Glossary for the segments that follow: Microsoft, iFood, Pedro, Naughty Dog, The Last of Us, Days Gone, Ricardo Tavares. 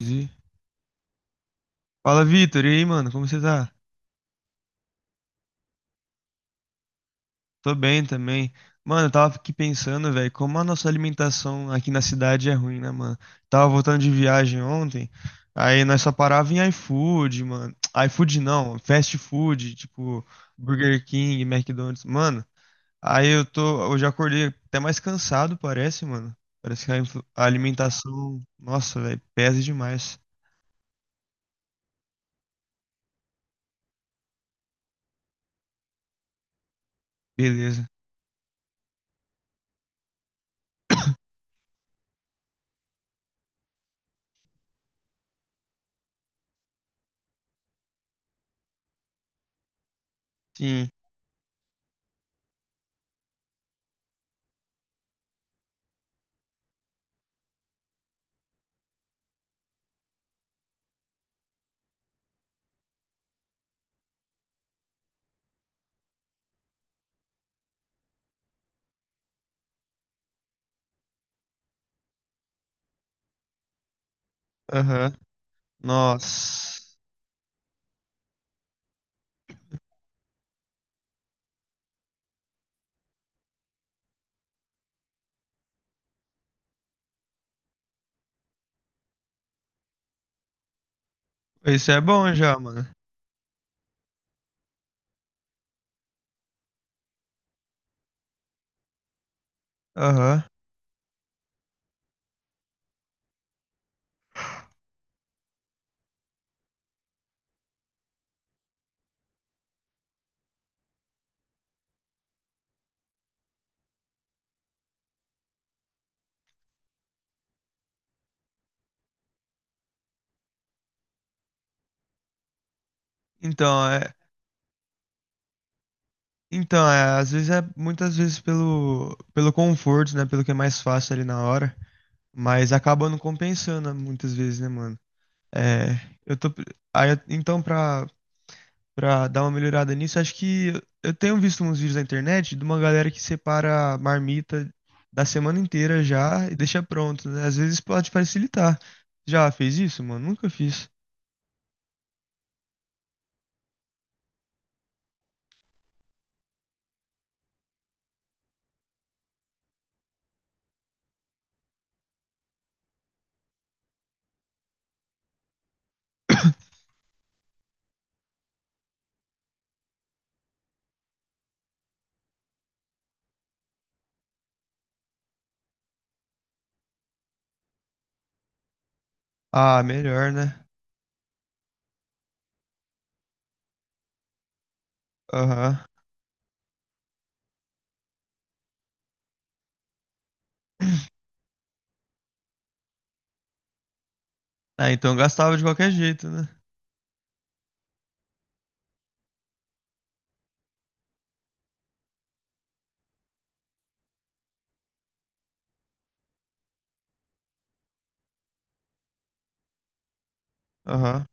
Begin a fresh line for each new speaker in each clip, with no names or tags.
Entendi. Fala, Vitor. E aí, mano, como você tá? Tô bem também. Mano, eu tava aqui pensando, velho, como a nossa alimentação aqui na cidade é ruim, né, mano? Tava voltando de viagem ontem, aí nós só parava em iFood, mano. IFood não, fast food, tipo Burger King, McDonald's. Mano, aí eu tô, hoje eu já acordei até mais cansado, parece, mano. Parece que a alimentação, nossa, velho, pesa demais. Beleza. Sim. Aham. Nossa. Isso é bom já, mano. Aham. Então, é, então é, às vezes é muitas vezes pelo conforto, né, pelo que é mais fácil ali na hora, mas acaba não compensando muitas vezes, né, mano? É, eu tô aí, então pra para dar uma melhorada nisso, acho que eu tenho visto uns vídeos na internet de uma galera que separa a marmita da semana inteira já e deixa pronto, né? Às vezes pode facilitar. Já fez isso, mano? Nunca fiz. Ah, melhor, né? Aham. Ah, então gastava de qualquer jeito, né? Aham.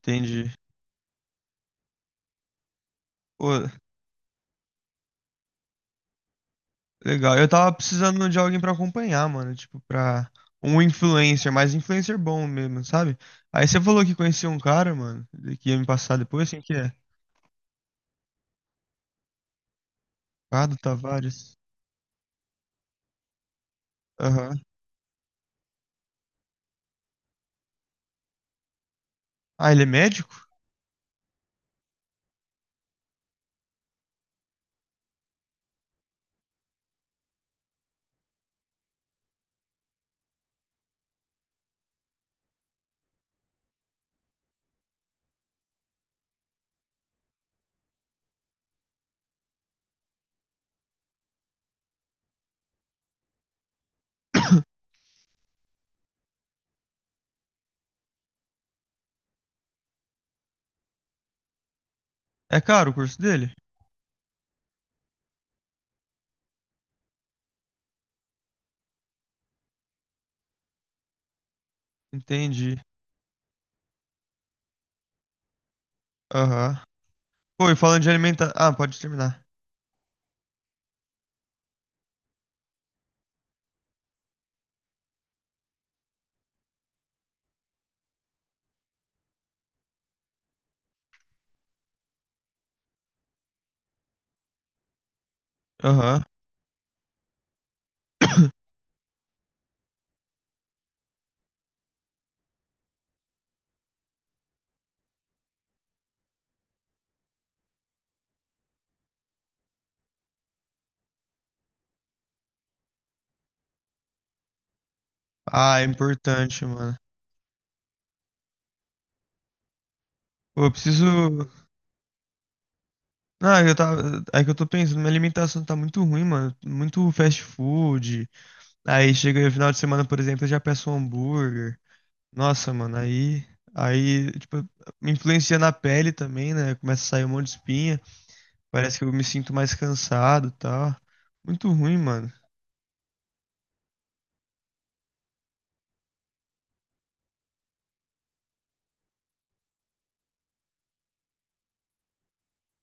Entendi. Pô, legal. Eu tava precisando de alguém pra acompanhar, mano. Tipo, pra um influencer, mas influencer bom mesmo, sabe? Aí você falou que conhecia um cara, mano, que ia me passar depois. Quem que é? Ricardo Tavares. Aham. Ah, ele é médico? É caro o curso dele? Entendi. Aham. Pô, e falando de alimentação. Ah, pode terminar. Aham. Ah, é importante, mano. Pô, eu preciso. Não, eu tava. É que eu tô pensando, minha alimentação tá muito ruim, mano. Muito fast food. Aí chega no final de semana, por exemplo, eu já peço um hambúrguer. Nossa, mano, aí. Aí, tipo, me influencia na pele também, né? Começa a sair um monte de espinha. Parece que eu me sinto mais cansado e tal. Muito ruim, mano.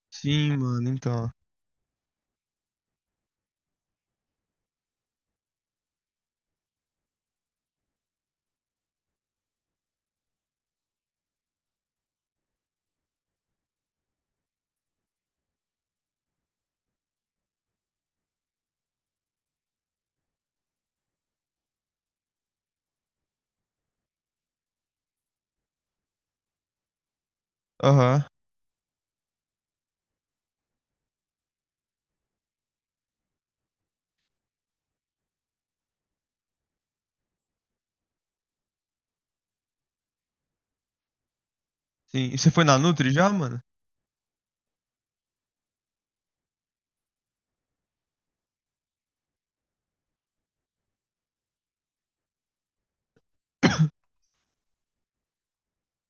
Sim, mano, então. Aham. Sim. E você foi na Nutri já, mano?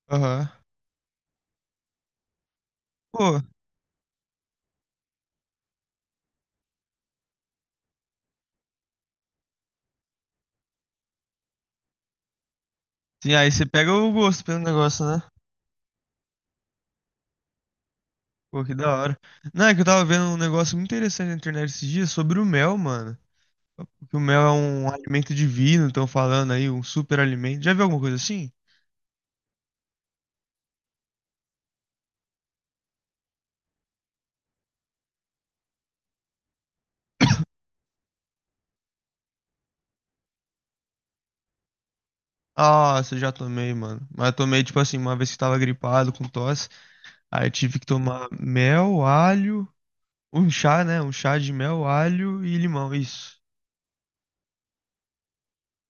Aham. Pô, sim, aí você pega o gosto pelo negócio, né? Pô, que da hora. Não, é que eu tava vendo um negócio muito interessante na internet esses dias sobre o mel, mano. Que o mel é um alimento divino, estão falando aí, um super alimento. Já viu alguma coisa assim? Ah, essa eu já tomei, mano. Mas eu tomei, tipo assim, uma vez que tava gripado com tosse. Aí eu tive que tomar mel, alho, um chá, né? Um chá de mel, alho e limão, isso.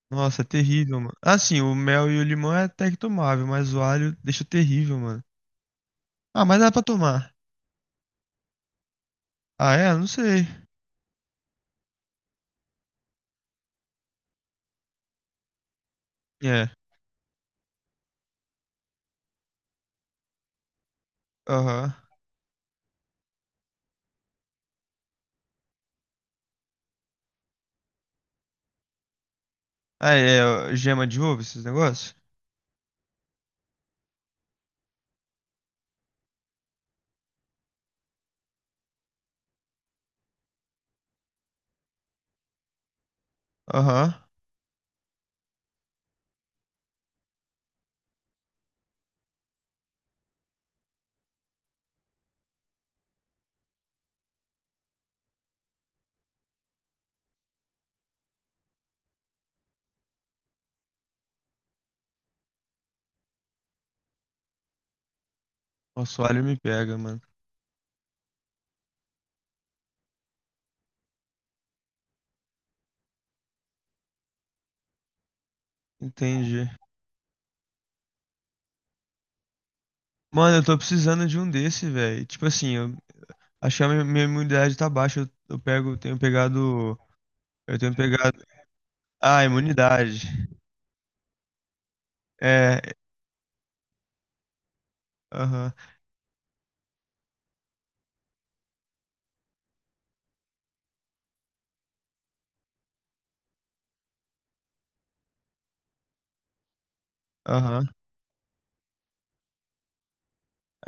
Nossa, é terrível, mano. Assim, o mel e o limão é até que tomável, mas o alho deixa terrível, mano. Ah, mas dá pra tomar. Ah, é? Não sei. É, aham. Ah, é, ó, gema de ovo, esses negócios? Aham. Nossa, o alho me pega, mano. Entendi. Mano, eu tô precisando de um desse, velho. Tipo assim, eu, acho que a minha imunidade tá baixa. Eu pego, eu tenho pegado. Eu tenho pegado. Ah, imunidade. É. Aham, aham.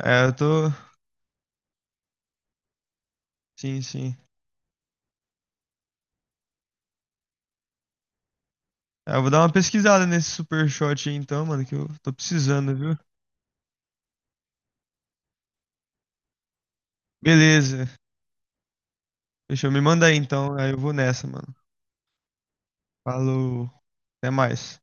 É, eu tô. Sim, sim. É, eu vou dar uma pesquisada nesse super shot aí então, mano, que eu tô precisando, viu? Beleza. Deixa eu me mandar aí então. Aí eu vou nessa, mano. Falou. Até mais.